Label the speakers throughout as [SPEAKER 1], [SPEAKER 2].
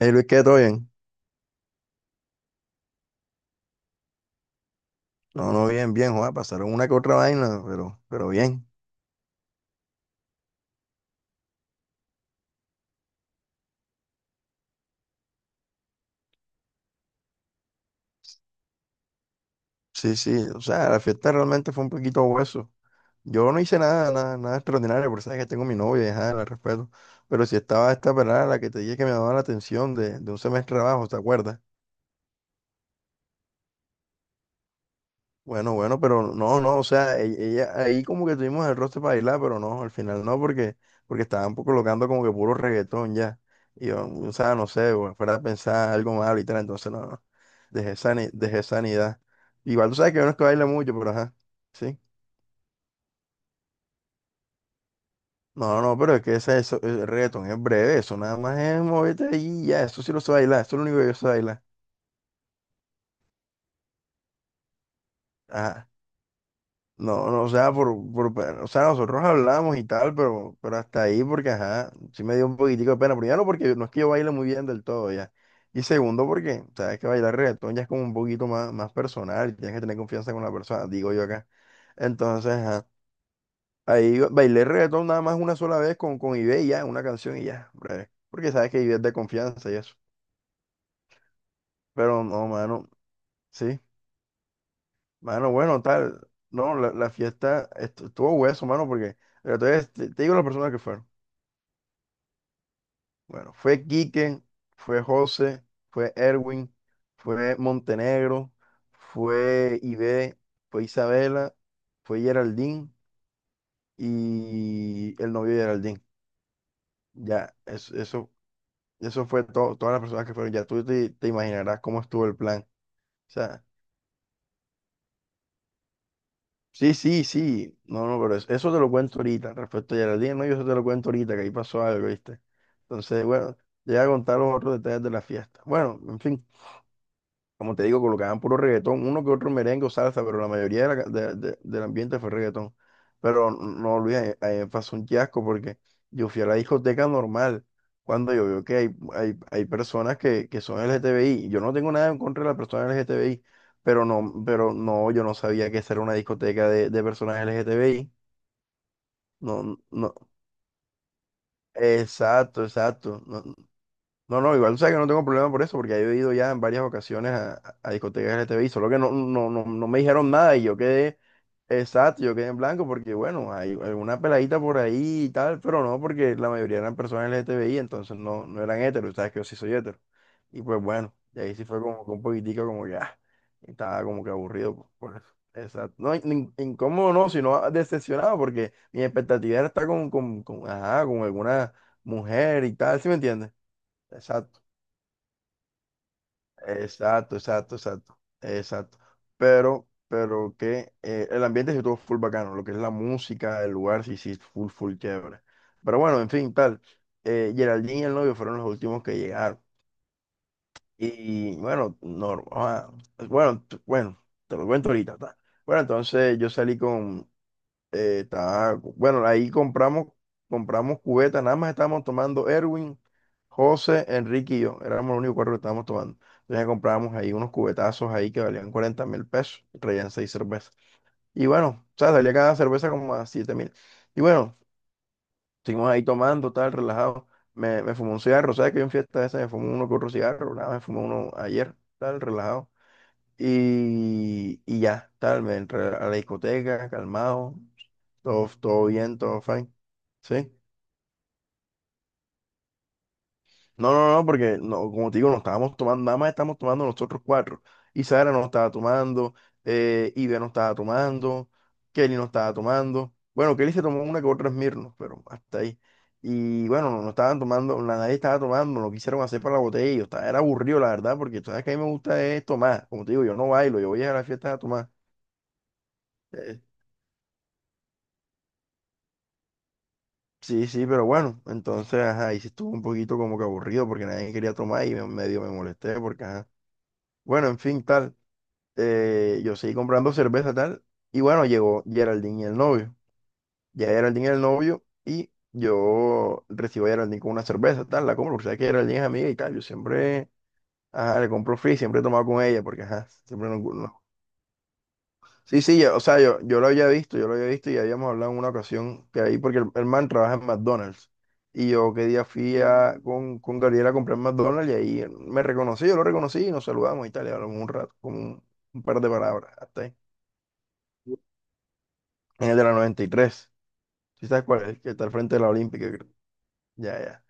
[SPEAKER 1] Hey Luis, ¿qué? ¿Todo bien? No, no, bien, bien, joder, pasaron una que otra vaina, pero bien. Sí, sí, o sea, la fiesta realmente fue un poquito hueso. Yo no hice nada, nada, nada extraordinario, porque sabes que tengo mi novia, y ajá, la respeto. Pero sí estaba esta pelada, la que te dije que me llamaba la atención de un semestre abajo, ¿te acuerdas? Bueno, bueno, pero no, no, o sea, ella, ahí como que tuvimos el roster para bailar, pero no, al final no, porque estaban colocando como que puro reggaetón ya. Y yo, o sea, no sé, bueno, fuera a pensar algo más ahorita, entonces no, no, dejé dejé sanidad. Igual tú sabes que uno es que baila mucho, pero ajá, sí. No, no, pero es que eso, el reggaetón es breve, eso nada más es moverte ahí y ya, eso sí lo sé bailar, eso es lo único que yo sé bailar. Ajá. No, no, o sea, o sea, nosotros hablamos y tal, pero hasta ahí porque, ajá, sí me dio un poquitico de pena. Primero porque no es que yo baile muy bien del todo ya. Y segundo porque sabes que bailar reggaetón ya es como un poquito más personal y tienes que tener confianza con la persona, digo yo acá. Entonces, ajá, ahí yo bailé reggaetón nada más una sola vez con Ibe y ya, una canción y ya, breve. Porque sabes que Ibe es de confianza y eso. Pero no, mano, sí, mano, bueno, tal. No, la fiesta estuvo hueso, mano, porque, pero te digo las personas que fueron. Bueno, fue Quique, fue José, fue Erwin, fue Montenegro, fue Ibe, fue Isabela, fue Geraldine y el novio de Geraldine. Ya, eso fue todo, todas las personas que fueron. Ya tú te imaginarás cómo estuvo el plan. O sea, sí, sí, sí. No, no, pero eso te lo cuento ahorita. Respecto a Geraldine, no, yo eso te lo cuento ahorita, que ahí pasó algo, ¿viste? Entonces, bueno, te voy a contar los otros detalles de la fiesta. Bueno, en fin. Como te digo, colocaban puro reggaetón, uno que otro merengue o salsa, pero la mayoría de la de- del ambiente fue reggaetón. Pero no, Luis, ahí pasó un fiasco porque yo fui a la discoteca normal cuando yo veo que hay personas que son LGTBI. Yo no tengo nada en contra de las personas LGTBI, pero no, yo no sabía que esa era una discoteca de personas LGTBI. No, no, exacto, exacto. no, No, no, igual tú sabes que no tengo problema por eso, porque yo he ido ya en varias ocasiones a discotecas LTBI, solo que no me dijeron nada y yo quedé, exacto, yo quedé en blanco porque, bueno, hay alguna peladita por ahí y tal, pero no, porque la mayoría eran personas LGTBI, entonces no eran heteros, sabes que yo sí soy hetero. Y pues bueno, y ahí sí fue como que un poquitico como que, ah, estaba como que aburrido por eso. Exacto. No, incómodo no, sino decepcionado, porque mi expectativa era estar con, ajá, con alguna mujer y tal, ¿sí me entiendes? Exacto. Exacto, exacto, exacto, exacto. Pero que el ambiente sí estuvo full bacano, lo que es la música, el lugar sí, sí, full, full chévere. Pero bueno, en fin, tal. Geraldine y el novio fueron los últimos que llegaron. Y bueno, normal. Bueno, bueno, te lo cuento ahorita, ta. Bueno, entonces yo salí con, bueno, ahí compramos cubeta, nada más estábamos tomando Erwin, José, Enrique y yo, éramos los únicos cuatro que estábamos tomando. Entonces compramos ahí unos cubetazos ahí que valían 40.000 pesos, y traían seis cervezas. Y bueno, o sea, salía cada cerveza como a 7.000. Y bueno, estuvimos ahí tomando, tal, relajado. Me fumé un cigarro. ¿Sabes que yo en fiesta esa me fumé uno que otro cigarro? Nada, me fumé uno ayer, tal, relajado. Y ya, tal, me entré a la discoteca, calmado, todo, todo bien, todo fine. Sí. No, no, no, porque no, como te digo, no estábamos tomando, nada más estamos tomando nosotros cuatro. Y Sara no estaba tomando, Ibe no estaba tomando, Kelly no estaba tomando. Bueno, Kelly se tomó una que otra Smirnoff, pero hasta ahí. Y bueno, no estaban tomando, nadie estaba tomando, no quisieron hacer para la botella. Y yo estaba, era aburrido, la verdad, porque tú sabes que a mí me gusta es tomar. Como te digo, yo no bailo, yo voy a las fiestas a tomar. Eh, Sí, sí, pero bueno, entonces, ajá, ahí sí estuvo un poquito como que aburrido porque nadie quería tomar y medio me molesté porque, ajá. Bueno, en fin, tal. Yo seguí comprando cerveza, tal. Y bueno, llegó Geraldine y el novio. Ya Geraldine y el novio y yo recibo a Geraldine con una cerveza, tal. La compro, porque sabes que Geraldine es amiga y tal. Yo siempre, ajá, le compro free, siempre he tomado con ella porque, ajá, siempre nos. Sí, sí, o sea, yo lo había visto y habíamos hablado en una ocasión que ahí, porque el man trabaja en McDonald's. Y yo qué día fui con, Gabriela a comprar McDonald's y ahí él me reconocí, yo lo reconocí y nos saludamos y tal, y hablamos un rato, como un par de palabras, hasta ahí. En el de la 93. ¿Sí sabes cuál es? El que está al frente de la Olímpica, creo. Ya, ya.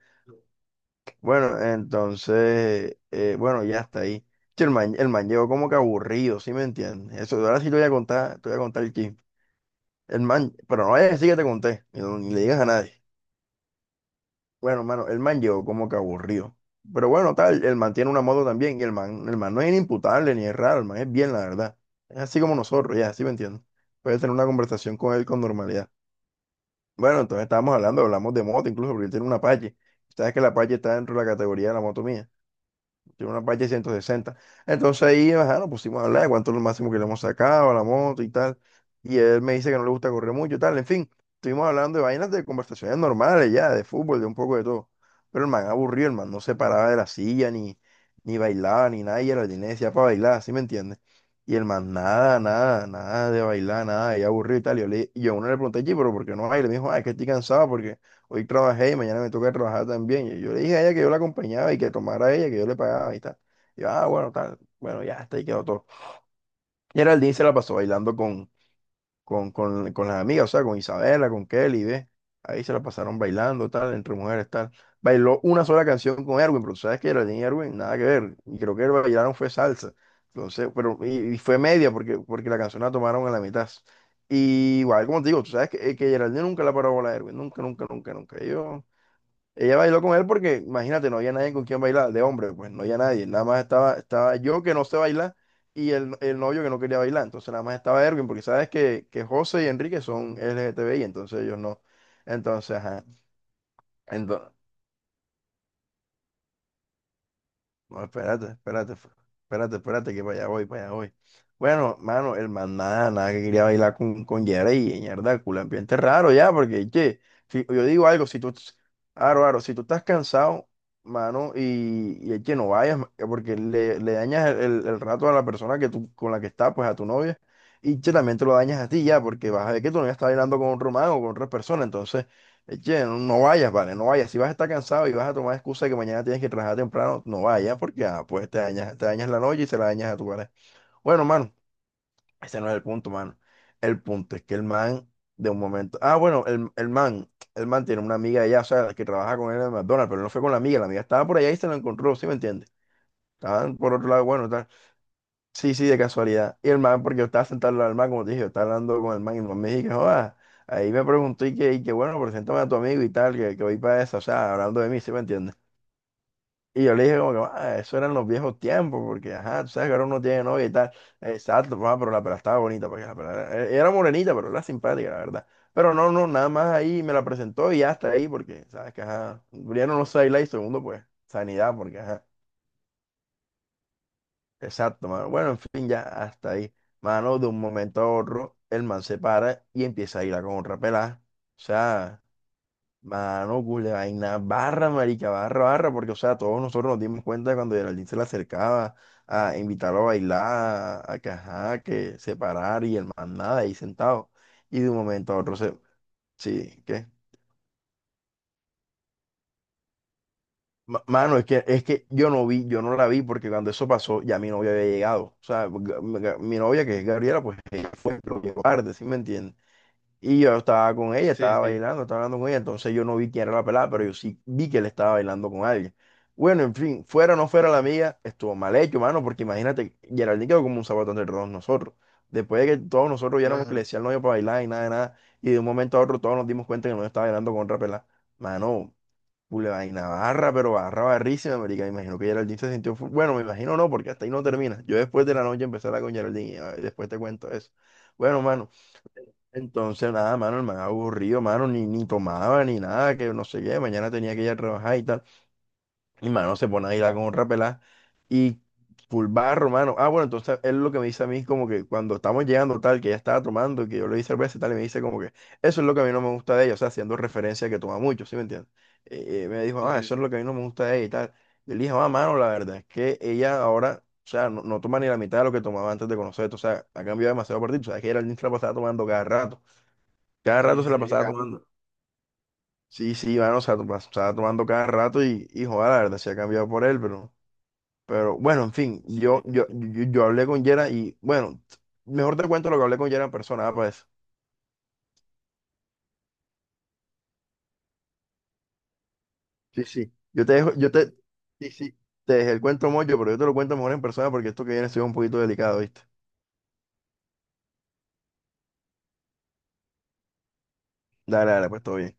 [SPEAKER 1] Bueno, entonces, bueno, ya está ahí. Che, el man llegó como que aburrido, ¿sí me entiendes? Eso, ahora sí te voy a contar el chisme. El man, pero no vayas a decir que te conté, y ni le digas a nadie. Bueno, mano, el man llegó como que aburrido. Pero bueno, tal, el man tiene una moto también, y el man no es inimputable ni es raro, el man es bien, la verdad. Es así como nosotros, ya, así me entiendo. Puedes tener una conversación con él con normalidad. Bueno, entonces estábamos hablando, hablamos de moto incluso, porque él tiene una Apache. Sabes que la Apache está dentro de la categoría de la moto mía. Tiene una Apache 160. Entonces ahí, ajá, nos pusimos a hablar de cuánto es lo máximo que le hemos sacado a la moto y tal. Y él me dice que no le gusta correr mucho y tal. En fin, estuvimos hablando de vainas de conversaciones normales ya, de fútbol, de un poco de todo. Pero el man aburrido, el man no se paraba de la silla, ni bailaba, ni nada. Y el jardín le decía para bailar, ¿sí me entiendes? Y el man, nada, nada, nada de bailar, nada, y aburrido y tal. Y yo a uno le pregunté, "Oye, pero ¿por qué no baila?" Y me dijo, ah, es que estoy cansado porque hoy trabajé y mañana me toca trabajar también. Y yo le dije a ella que yo la acompañaba y que tomara ella, que yo le pagaba y tal. Y yo, ah, bueno, tal. Bueno, ya, hasta ahí quedó todo. Y Geraldine se la pasó bailando con las amigas, o sea, con Isabela, con Kelly, ¿ves? Ahí se la pasaron bailando, tal, entre mujeres, tal. Bailó una sola canción con Erwin, pero tú sabes que Geraldine y Erwin, nada que ver. Y creo que bailaron fue salsa. Entonces, pero, y fue media porque, la canción la tomaron a la mitad. Y igual, como te digo, tú sabes que Geraldine nunca la paró a bola a Erwin, nunca, nunca, nunca, nunca. Ellos Ella bailó con él porque, imagínate, no había nadie con quien bailar, de hombre, pues no había nadie, nada más estaba, yo que no sé bailar y el novio que no quería bailar, entonces nada más estaba Erwin, porque sabes que José y Enrique son L G T B LGTBI, entonces ellos no. Entonces, ajá. Ento- No, espérate, espérate, espérate, espérate, que para allá voy, para allá voy. Bueno, mano, el man nada, nada quería bailar con Yera y mierda, culo, ambiente raro ya, porque, che, yo digo algo, si tú estás cansado, mano, y che, no vayas, porque le dañas el rato a la persona que tú, con la que estás, pues a tu novia, y che, también te lo dañas a ti ya, porque vas a ver que tu novia está bailando con otro man o con otra persona, entonces. Eche, no, no vayas, vale, no vayas. Si vas a estar cansado y vas a tomar excusa de que mañana tienes que trabajar temprano, no vayas porque ah, pues te dañas la noche y se la dañas a tu pareja. Bueno, mano, ese no es el punto, mano. El punto es que el man, de un momento. Ah, bueno, el man, el man tiene una amiga allá, o sea, la que trabaja con él en McDonald's, pero él no fue con la amiga estaba por allá y se la encontró, ¿sí me entiendes? Estaban por otro lado, bueno, tal. Sí, sí, de casualidad. Y el man, porque yo estaba sentado al lado del man, como te dije, yo estaba hablando con el man y el man me dijo, joda, ahí me preguntó y que bueno, preséntame a tu amigo y tal, que voy para eso, o sea, hablando de mí, ¿sí me entiendes? Y yo le dije como que, ah, eso eran los viejos tiempos, porque, ajá, tú sabes que ahora uno tiene novia y tal. Exacto, ah, pero la pela estaba bonita, porque la pela era morenita, pero era simpática, la verdad. Pero no, no, nada más ahí me la presentó y hasta ahí, porque, sabes que, ajá, primero no sé bailar y segundo, pues, sanidad, porque, ajá. Exacto, mano. Bueno, en fin, ya hasta ahí. Mano, de un momento a otro, el man se para y empieza a ir a con otra pelada. O sea, mano, cule vaina, barra, marica, barra, barra, porque, o sea, todos nosotros nos dimos cuenta cuando Geraldine se le acercaba a invitarlo a bailar, a que, ajá, que se parara y el man nada, ahí sentado. Y de un momento a otro se... Sí, ¿qué? Mano, es que yo no vi, yo no la vi porque cuando eso pasó ya mi novia había llegado. O sea, mi novia que es Gabriela, pues ella fue, pero llegó tarde, ¿sí me entiendes? Y yo estaba con ella, sí, estaba sí, bailando, estaba hablando con ella, entonces yo no vi quién era la pelada, pero yo sí vi que él estaba bailando con alguien. Bueno, en fin, fuera o no fuera la amiga, estuvo mal hecho, mano, porque imagínate, Geraldine quedó como un zapato de todos nosotros. Después de que todos nosotros ya éramos que le claro, decía al novio para bailar y nada de nada, y de un momento a otro todos nos dimos cuenta que no estaba bailando con otra pelada. Mano. Pule vaina barra, pero barra barrísima, marica. Me imagino que Geraldine se sintió. Bueno, me imagino no, porque hasta ahí no termina. Yo después de la noche empecé a hablar con Geraldine y a después te cuento eso. Bueno, mano, entonces nada, mano, el man aburrido, mano, ni tomaba ni nada, que no sé qué. Mañana tenía que ir a trabajar y tal. Y mano, se pone a bailar con otra pelada y full barro, mano. Ah, bueno, entonces él lo que me dice a mí como que cuando estamos llegando tal, que ella estaba tomando, que yo le di cerveza y tal, y me dice como que eso es lo que a mí no me gusta de ella, o sea, haciendo referencia a que toma mucho, ¿sí me entiendes? Me dijo, ah, eso sí, es lo que a mí no me gusta de ella y tal. Y le dije, ah, mano, la verdad es que ella ahora, o sea, no, no toma ni la mitad de lo que tomaba antes de conocerte, o sea, ha cambiado demasiado partido, o sea, que era el niño se la pasaba tomando cada rato sí, se la sí, pasaba tomando. Sí, sí, mano, o sea, pasaba tomando cada rato y joder, la verdad, se ha cambiado por él, pero... Pero bueno, en fin, yo hablé con Yera y bueno, mejor te cuento lo que hablé con Yera en persona, ah, pues. Sí, sí, Yo te dejo, yo te, sí, sí, te dejé el cuento mocho, pero yo te lo cuento mejor en persona porque esto que viene es un poquito delicado, ¿viste? Dale, dale, pues todo bien.